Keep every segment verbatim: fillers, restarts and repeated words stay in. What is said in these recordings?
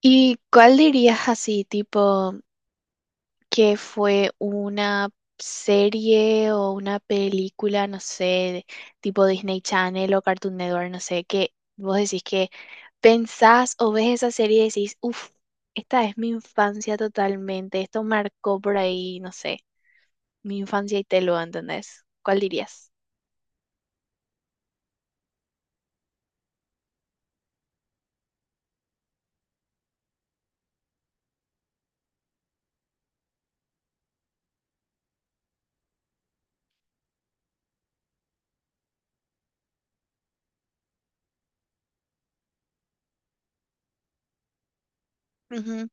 ¿Y cuál dirías, así, tipo, que fue una serie o una película, no sé, de- tipo Disney Channel o Cartoon Network, no sé, que vos decís que pensás o ves esa serie y decís, uff, esta es mi infancia totalmente, esto marcó por ahí, no sé, mi infancia y te lo, ¿entendés? ¿Cuál dirías? Ujú,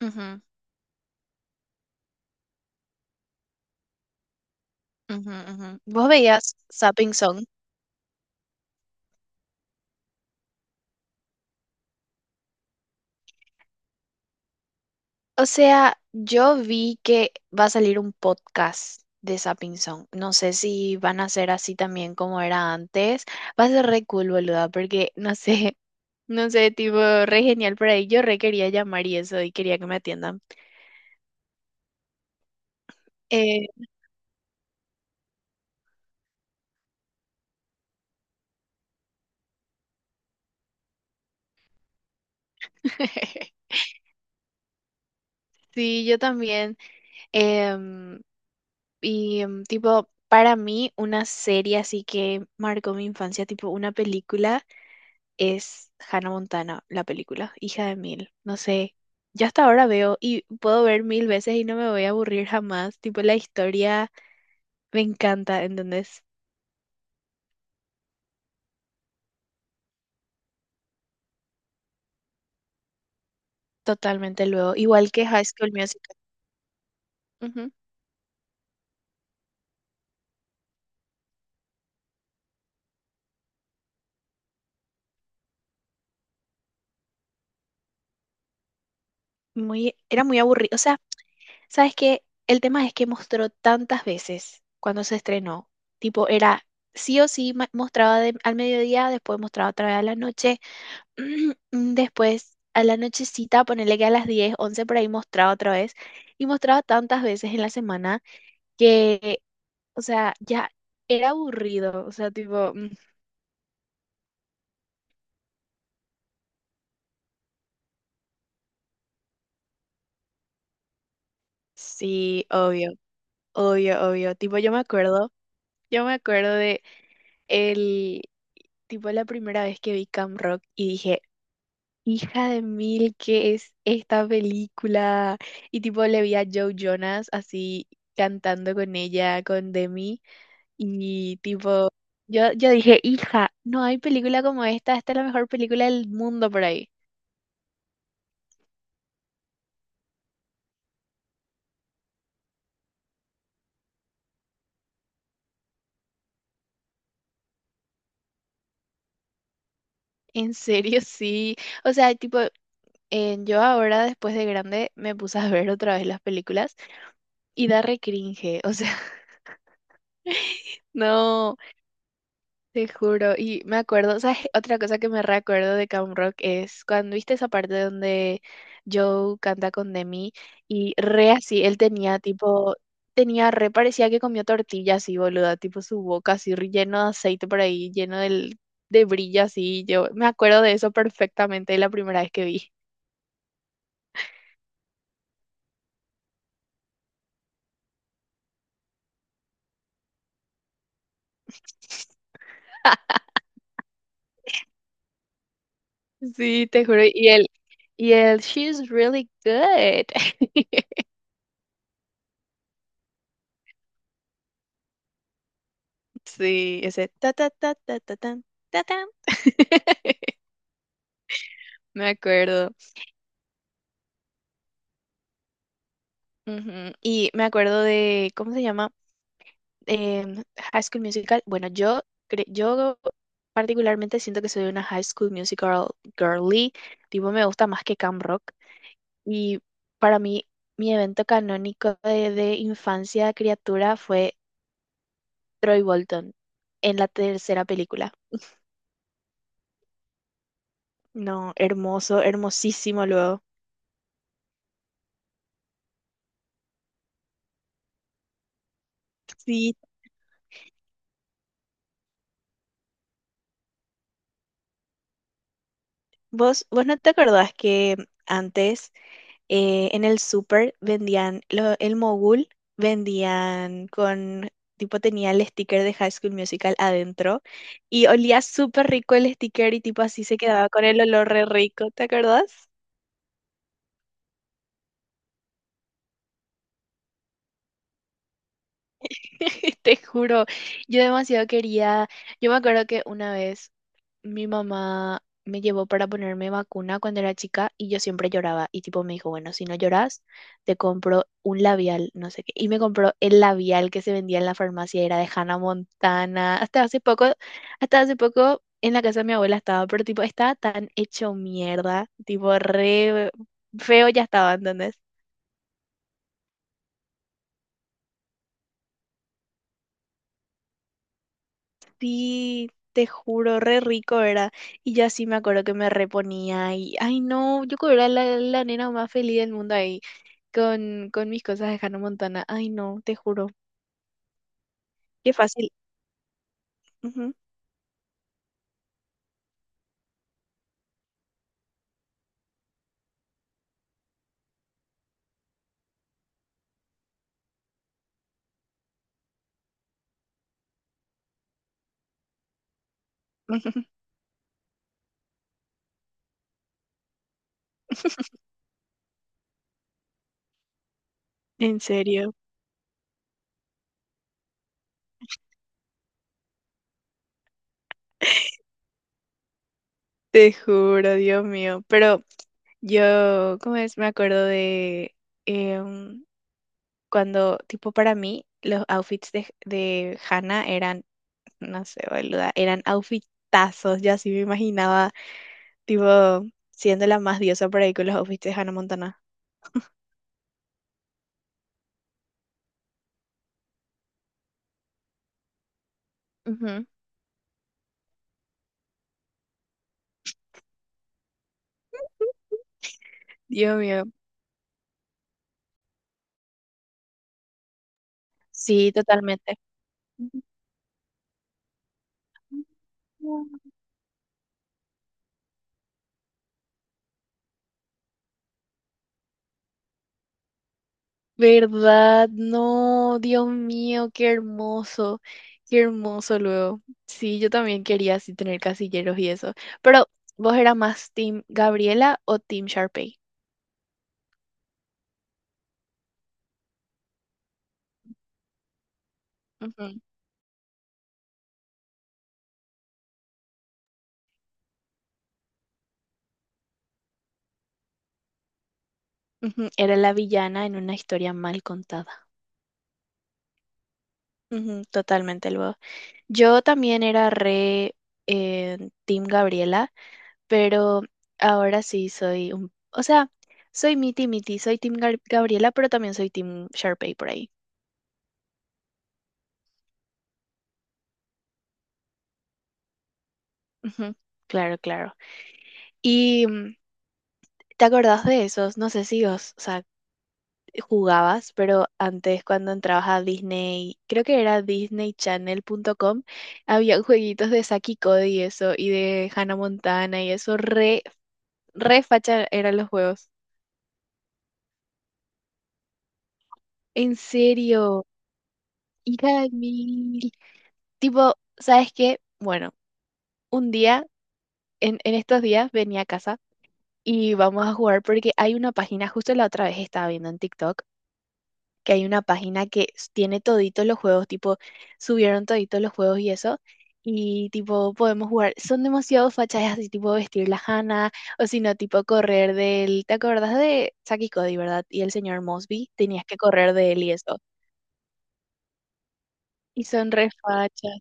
ujú, ujú, ujú. ¿Vos veías Sapping Song? O sea, yo vi que va a salir un podcast de Sapping Song. No sé si van a ser así también como era antes. Va a ser re cool, boluda, porque no sé, no sé, tipo, re genial por ahí. Yo re quería llamar y eso, y quería que me atiendan. Eh, sí, yo también. Em, y em, tipo, para mí, una serie así que marcó mi infancia, tipo una película. Es Hannah Montana, la película, hija de Mil. No sé, yo hasta ahora veo y puedo ver mil veces y no me voy a aburrir jamás. Tipo, la historia me encanta, ¿entendés? Totalmente luego. Igual que High School Musical. Ujú. Muy, era muy aburrido. O sea, ¿sabes qué? El tema es que mostró tantas veces cuando se estrenó. Tipo, era sí o sí ma- mostraba de- al mediodía, después mostraba otra vez a la noche. Después, a la nochecita, ponele que a las diez once por ahí, mostraba otra vez. Y mostraba tantas veces en la semana que, o sea, ya era aburrido. O sea, tipo, mm, sí, obvio, obvio, obvio. Tipo, yo me acuerdo, yo me acuerdo de el, tipo, la primera vez que vi Cam Rock y dije, hija de mil, ¿qué es esta película? Y tipo, le vi a Joe Jonas así cantando con ella, con Demi. Y tipo, yo, yo dije, hija, no hay película como esta, esta es la mejor película del mundo por ahí. En serio, sí. O sea, tipo, eh, yo ahora, después de grande, me puse a ver otra vez las películas y da re cringe. O sea, no. Te juro, y me acuerdo, ¿sabes? Otra cosa que me recuerdo de Camp Rock es cuando viste esa parte donde Joe canta con Demi y re así, él tenía tipo, tenía re, parecía que comió tortilla así, boluda, tipo su boca así re lleno de aceite por ahí, lleno del, de brillo así, yo me acuerdo de eso perfectamente la primera vez que vi. Sí, te juro, y él, y él, she's really good. Sí, ese ta ta ta ta ta tan, ta tan. Me acuerdo. Ujú. Y me acuerdo de, ¿cómo se llama? Em, High School Musical. Bueno, yo, cre- yo particularmente siento que soy una High School Musical girly. Tipo, me gusta más que Camp Rock. Y para mí, mi evento canónico de, de infancia, criatura, fue Troy Bolton en la tercera película. No, hermoso, hermosísimo luego. Sí, vos, vos no te acordás que antes eh, en el súper vendían lo- el mogul, vendían con, tipo tenía el sticker de High School Musical adentro y olía súper rico el sticker y tipo así se quedaba con el olor re rico, ¿te acordás? Te juro, yo demasiado quería, yo me acuerdo que una vez mi mamá me llevó para ponerme vacuna cuando era chica y yo siempre lloraba y tipo me dijo, bueno, si no lloras, te compro un labial, no sé qué. Y me compró el labial que se vendía en la farmacia, era de Hannah Montana. Hasta hace poco, hasta hace poco en la casa de mi abuela estaba, pero tipo estaba tan hecho mierda, tipo re feo ya estaba, ¿entendés? Sí. Te juro, re rico era. Y yo así me acuerdo que me reponía y, ay no, yo creo que era la, la nena más feliz del mundo ahí. con, con mis cosas de Hannah Montana. Ay, no, te juro. Qué fácil. Ujú. En serio, te juro, Dios mío. Pero yo, ¿cómo es? Me acuerdo de em, cuando, tipo, para mí, los outfits de, de Hannah eran, no sé, boluda, eran outfitazos. Yo así me imaginaba, tipo, siendo la más diosa por ahí con los outfits de Hannah Montana. Ujú. Dios mío. Sí, totalmente. ¿Verdad? No, Dios mío, qué hermoso, qué hermoso luego. Sí, yo también quería así tener casilleros y eso. Pero, ¿vos eras más Team Gabriela o Team Sharpay? Ujú, ujú. Era la villana en una historia mal contada. Ujú, totalmente luego. Yo también era re eh, Team Gabriela, pero ahora sí soy un... O sea, soy miti miti, soy Team Gar- Gabriela, pero también soy Team Sharpay por ahí. Ujú. Claro, claro. Y mm, te acordás de esos, no sé si vos, o sea, jugabas, pero antes cuando entrabas a Disney, creo que era Disney disneychannel.com, había jueguitos de Saki y Cody y eso, y de Hannah Montana y eso, re, re facha eran los juegos. En serio, hija de mil. Tipo, ¿sabes qué? Bueno, un día, en, en estos días venía a casa y vamos a jugar porque hay una página, justo la otra vez estaba viendo en TikTok que hay una página que tiene toditos los juegos, tipo, subieron toditos los juegos y eso. Y tipo, podemos jugar. Son demasiado fachas, así, tipo vestir la Hannah, o si no, tipo correr del. ¿Te acordás de Saki Cody, verdad? Y el señor Mosby, tenías que correr de él y eso. Y son re fachas.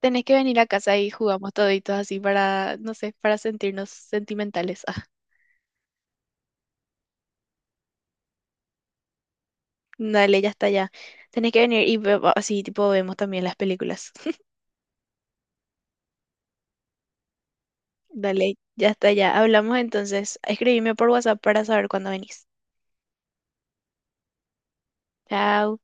Tenés que venir a casa y jugamos toditos así para, no sé, para sentirnos sentimentales. Ah, dale, ya está ya. Tenés que venir y ve- así, tipo, vemos también las películas. Dale, ya está, ya. Hablamos entonces. Escribime por WhatsApp para saber cuándo venís. Chao.